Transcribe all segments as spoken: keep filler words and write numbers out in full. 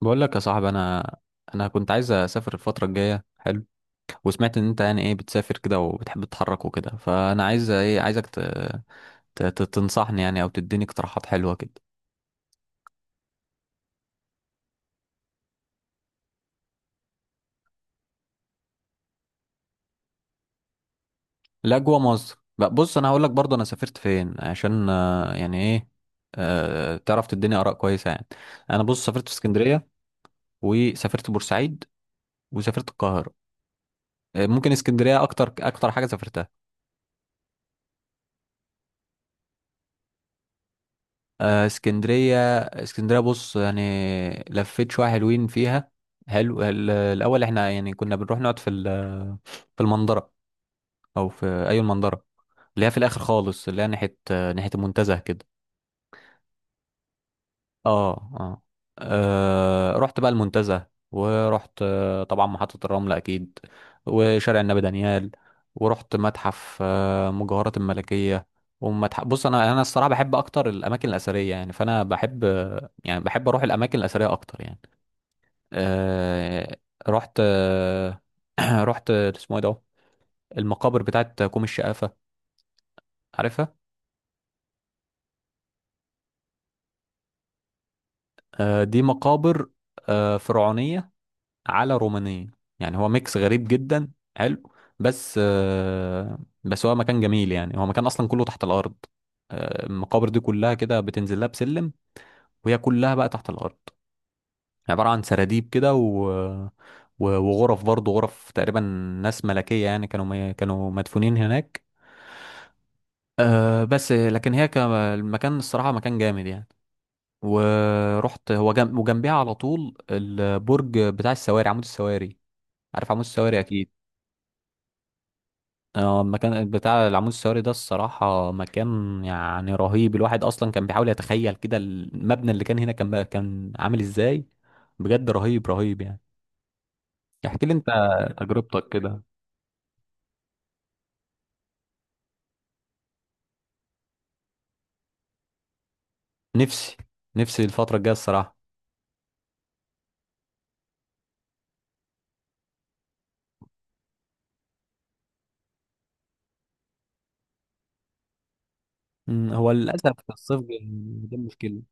بقول لك يا صاحبي، انا انا كنت عايز اسافر الفتره الجايه. حلو. وسمعت ان انت يعني ايه بتسافر كده وبتحب تتحرك وكده، فانا عايز ايه، عايزك ت... ت... ت- تنصحني يعني، او تديني اقتراحات حلوه كده. لا، جوه مصر بقى. بص، انا هقول لك برضه انا سافرت فين عشان آه، يعني ايه، آه، تعرف تديني اراء كويسه يعني. انا بص سافرت في اسكندريه، وسافرت بورسعيد، وسافرت القاهره. آه، ممكن اسكندريه اكتر اكتر حاجه سافرتها. آه، اسكندرية اسكندرية، بص يعني، لفيت شوية حلوين فيها. حلو. ال- الأول احنا يعني كنا بنروح نقعد في ال- في المنظرة، أو في أي المنظرة، اللي هي في الآخر خالص، اللي هي ناحية ناحية المنتزه كده. اه، اه. آه، رحت بقى المنتزه، ورحت آه، طبعا محطة الرمل اكيد، وشارع النبي دانيال، ورحت متحف آه، مجوهرات الملكية، ومتحف. بص، انا انا الصراحة بحب اكتر الاماكن الاثرية يعني، فانا بحب يعني بحب اروح الاماكن الاثرية اكتر يعني. آه، رحت آه، رحت اسمه ايه ده، المقابر بتاعت كوم الشقافة، عارفها؟ آه، دي مقابر آه، فرعونية على رومانية، يعني هو ميكس غريب جدا. حلو. بس آه، بس هو مكان جميل، يعني هو مكان اصلا كله تحت الارض. آه، المقابر دي كلها كده بتنزل لها بسلم، وهي كلها بقى تحت الارض، عبارة عن سراديب كده، و... و- وغرف برضه، غرف تقريبا. ناس ملكية يعني، كانوا م... كانوا مدفونين هناك. أه، بس لكن هي ك- المكان الصراحة مكان جامد يعني. ورحت هو جنب وجنبيها على طول البرج بتاع السواري، عمود السواري. عارف عمود السواري اكيد. اه، المكان بتاع العمود السياري ده الصراحة مكان يعني رهيب. الواحد أصلا كان بيحاول يتخيل كده المبنى اللي كان هنا كان بقى كان عامل ازاي. بجد رهيب رهيب يعني. احكي لي انت تجربتك كده. نفسي نفسي الفترة الجاية الصراحة. مم، هو للأسف الصيف جه- دي المشكلة.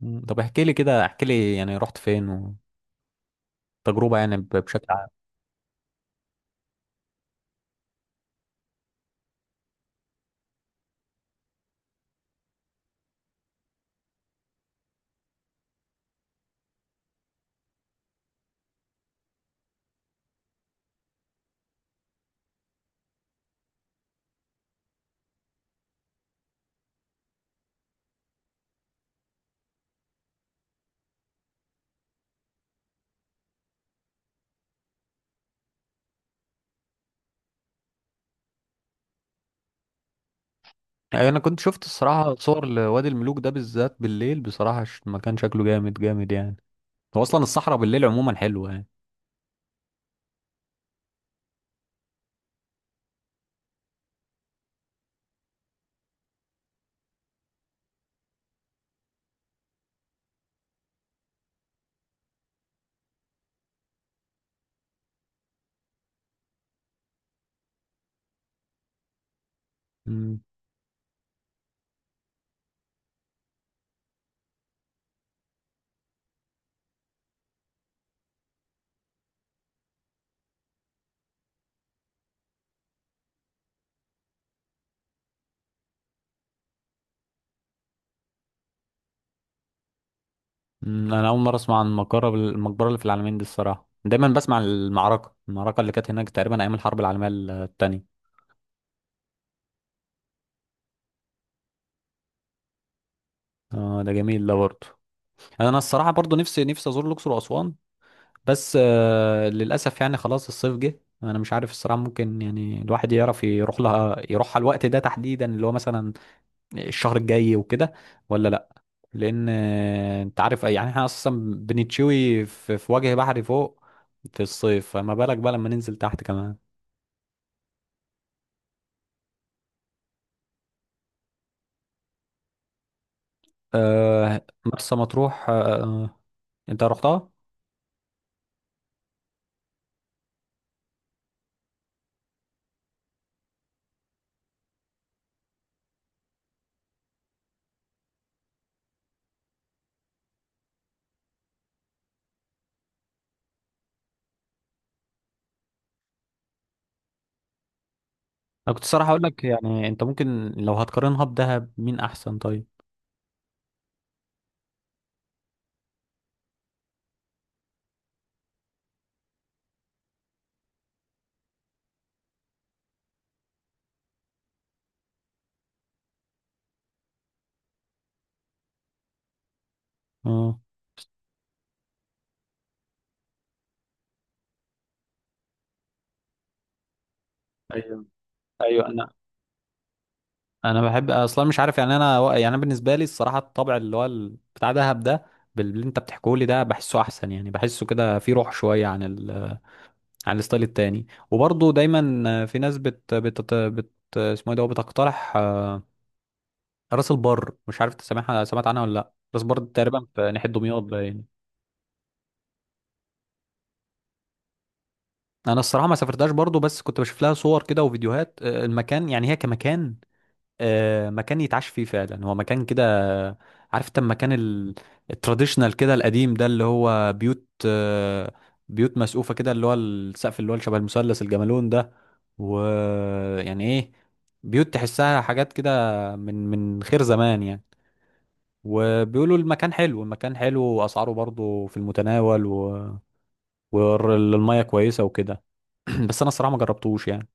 مم، طب احكي لي كده، احكي لي يعني رحت فين، وتجربة يعني ب- بشكل عام. يعني أنا كنت شفت الصراحة صور لوادي الملوك ده بالذات بالليل، بصراحة ش- المكان شكله جامد جامد يعني. هو أصلا الصحراء بالليل عموما حلوة يعني. مم. مم. انا اول مره اسمع عن المقبره المقبره اللي في العلمين دي. الصراحه دايما بسمع عن المعركه المعركه اللي كانت هناك تقريبا ايام الحرب العالميه الثانيه. اه، ده جميل ده برضه. يعني انا الصراحه برضه نفسي نفسي ازور الاقصر واسوان. بس آه للاسف يعني، خلاص الصيف جه، انا مش عارف الصراحه ممكن يعني الواحد يعرف يروح لها، يروحها الوقت ده تحديدا اللي هو مثلا الشهر الجاي وكده، ولا لا؟ لان آه، انت عارف يعني احنا اصلا بنتشوي في, في وجه بحري فوق في الصيف، فما بالك بقى لما ننزل تحت كمان. آه، مرسى مطروح، آه. انت رحتها؟ انا كنت الصراحه اقول لك يعني انت ممكن لو هتقارنها بدهب، مين احسن طيب؟ اه. ايوه، ايوه، انا انا بحب اصلا. مش عارف يعني انا، يعني أنا بالنسبه لي الصراحه الطبع اللي هو ال- بتاع دهب ده، باللي انت بتحكيه لي ده، بحسه احسن يعني، بحسه كده فيه روح شويه عن ال... عن الستايل التاني. وبرضه دايما في ناس بت بت بت اسمه ايه ده، بتقترح راس البر. مش عارف انت سامعها، سمعت عنها ولا لا. راس البر دي تقريبا في ناحيه دمياط باين. انا الصراحه ما سافرتهاش برضو، بس كنت بشوف لها صور كده وفيديوهات، آه، المكان يعني هي كمكان، آه، مكان يتعاش فيه فعلا، هو مكان كده. آه، عارف انت المكان ال- التراديشنال كده، القديم ده، اللي هو بيوت آه، بيوت مسقوفه كده، اللي هو السقف اللي هو شبه المثلث الجملون ده، ويعني ايه، بيوت تحسها حاجات كده من من خير زمان يعني. وبيقولوا المكان حلو، المكان حلو، واسعاره برضو في المتناول، و والميه كويسه وكده. بس انا الصراحه ما جربتوش يعني.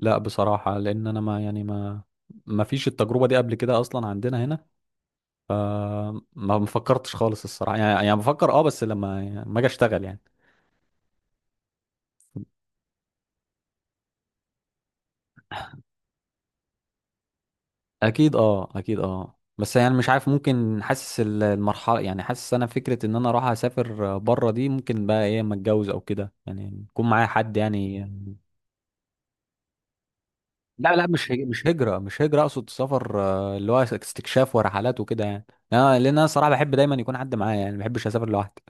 لا بصراحة، لأن أنا ما يعني ما ما فيش التجربة دي قبل كده أصلا عندنا هنا. ما ما فكرتش خالص الصراحة يعني يعني بفكر، أه بس لما ما أجي أشتغل يعني. أكيد، أه، أكيد، أه، بس يعني مش عارف، ممكن حاسس ال- المرحلة يعني، حاسس أنا فكرة إن أنا أروح أسافر بره دي ممكن بقى إيه أما أتجوز أو كده، يعني يكون معايا حد يعني. لا، لا، مش هج... مش هجرة مش هجرة، أقصد سفر، آه، اللي هو استكشاف ورحلات وكده يعني. يعني أنا- لأن أنا صراحة بحب دايما يكون حد معايا يعني، ما بحبش أسافر لوحدي.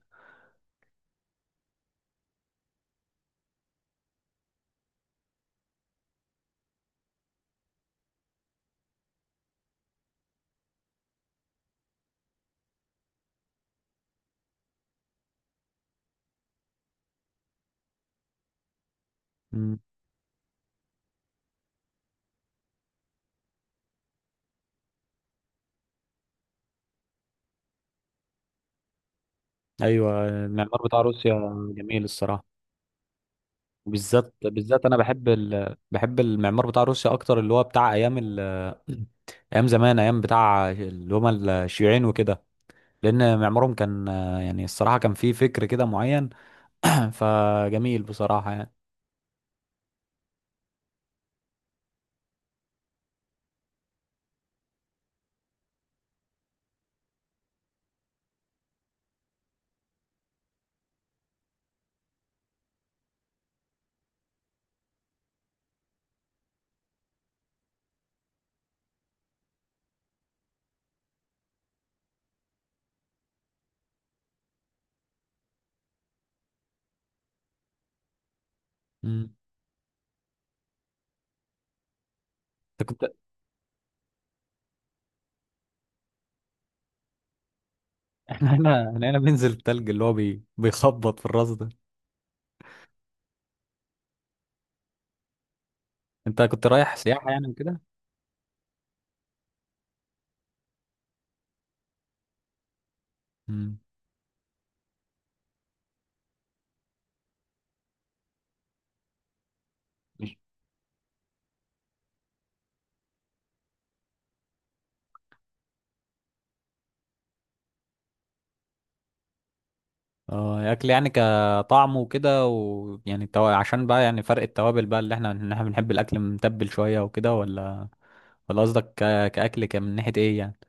ايوه، المعمار بتاع روسيا جميل الصراحه. بالذات بالذات انا بحب ال... بحب المعمار بتاع روسيا اكتر، اللي هو بتاع ايام ال... ايام زمان، ايام بتاع اللي هم الشيوعيين وكده. لان معمارهم كان يعني الصراحه كان فيه فكر كده معين. فجميل بصراحه يعني. مم. انت كنت احنا هنا احنا هنا بننزل التلج اللي هو بي... بيخبط في الراس ده. انت كنت رايح سياحه يعني وكده؟ مم. اه، اكل يعني كطعم وكده، ويعني تو... عشان بقى يعني فرق التوابل بقى، اللي احنا ان احنا بنحب الاكل متبل شويه وكده، ولا ولا قصدك ك... كاكل كان من ناحيه ايه يعني؟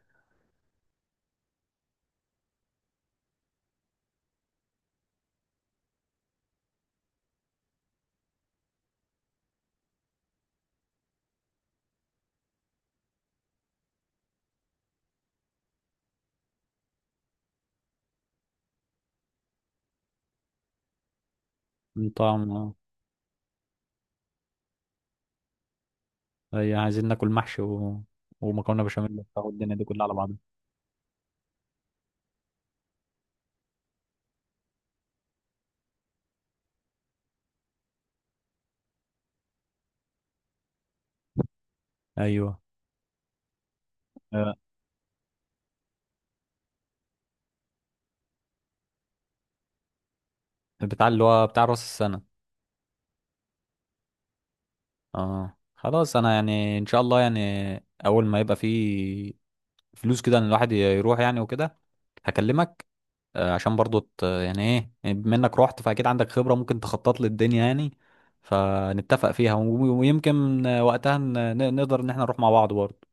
من طعم، اه. ايوه، عايزين ناكل محشي و... ومكرونه بشاميل وبتاع، والدنيا دي كلها على بعضها. ايوه. آه. بتاع اللي هو بتاع راس السنه. اه خلاص، انا يعني ان شاء الله يعني اول ما يبقى فيه فلوس كده ان الواحد يروح يعني وكده، هكلمك. آه، عشان برضو ت- يعني ايه يعني، بما انك رحت فاكيد عندك خبرة ممكن تخطط لي الدنيا يعني، فنتفق فيها و- ويمكن آه، وقتها ن- ن- نقدر ان احنا نروح مع بعض برضو.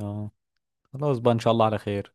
اه خلاص بقى، ان شاء الله على خير.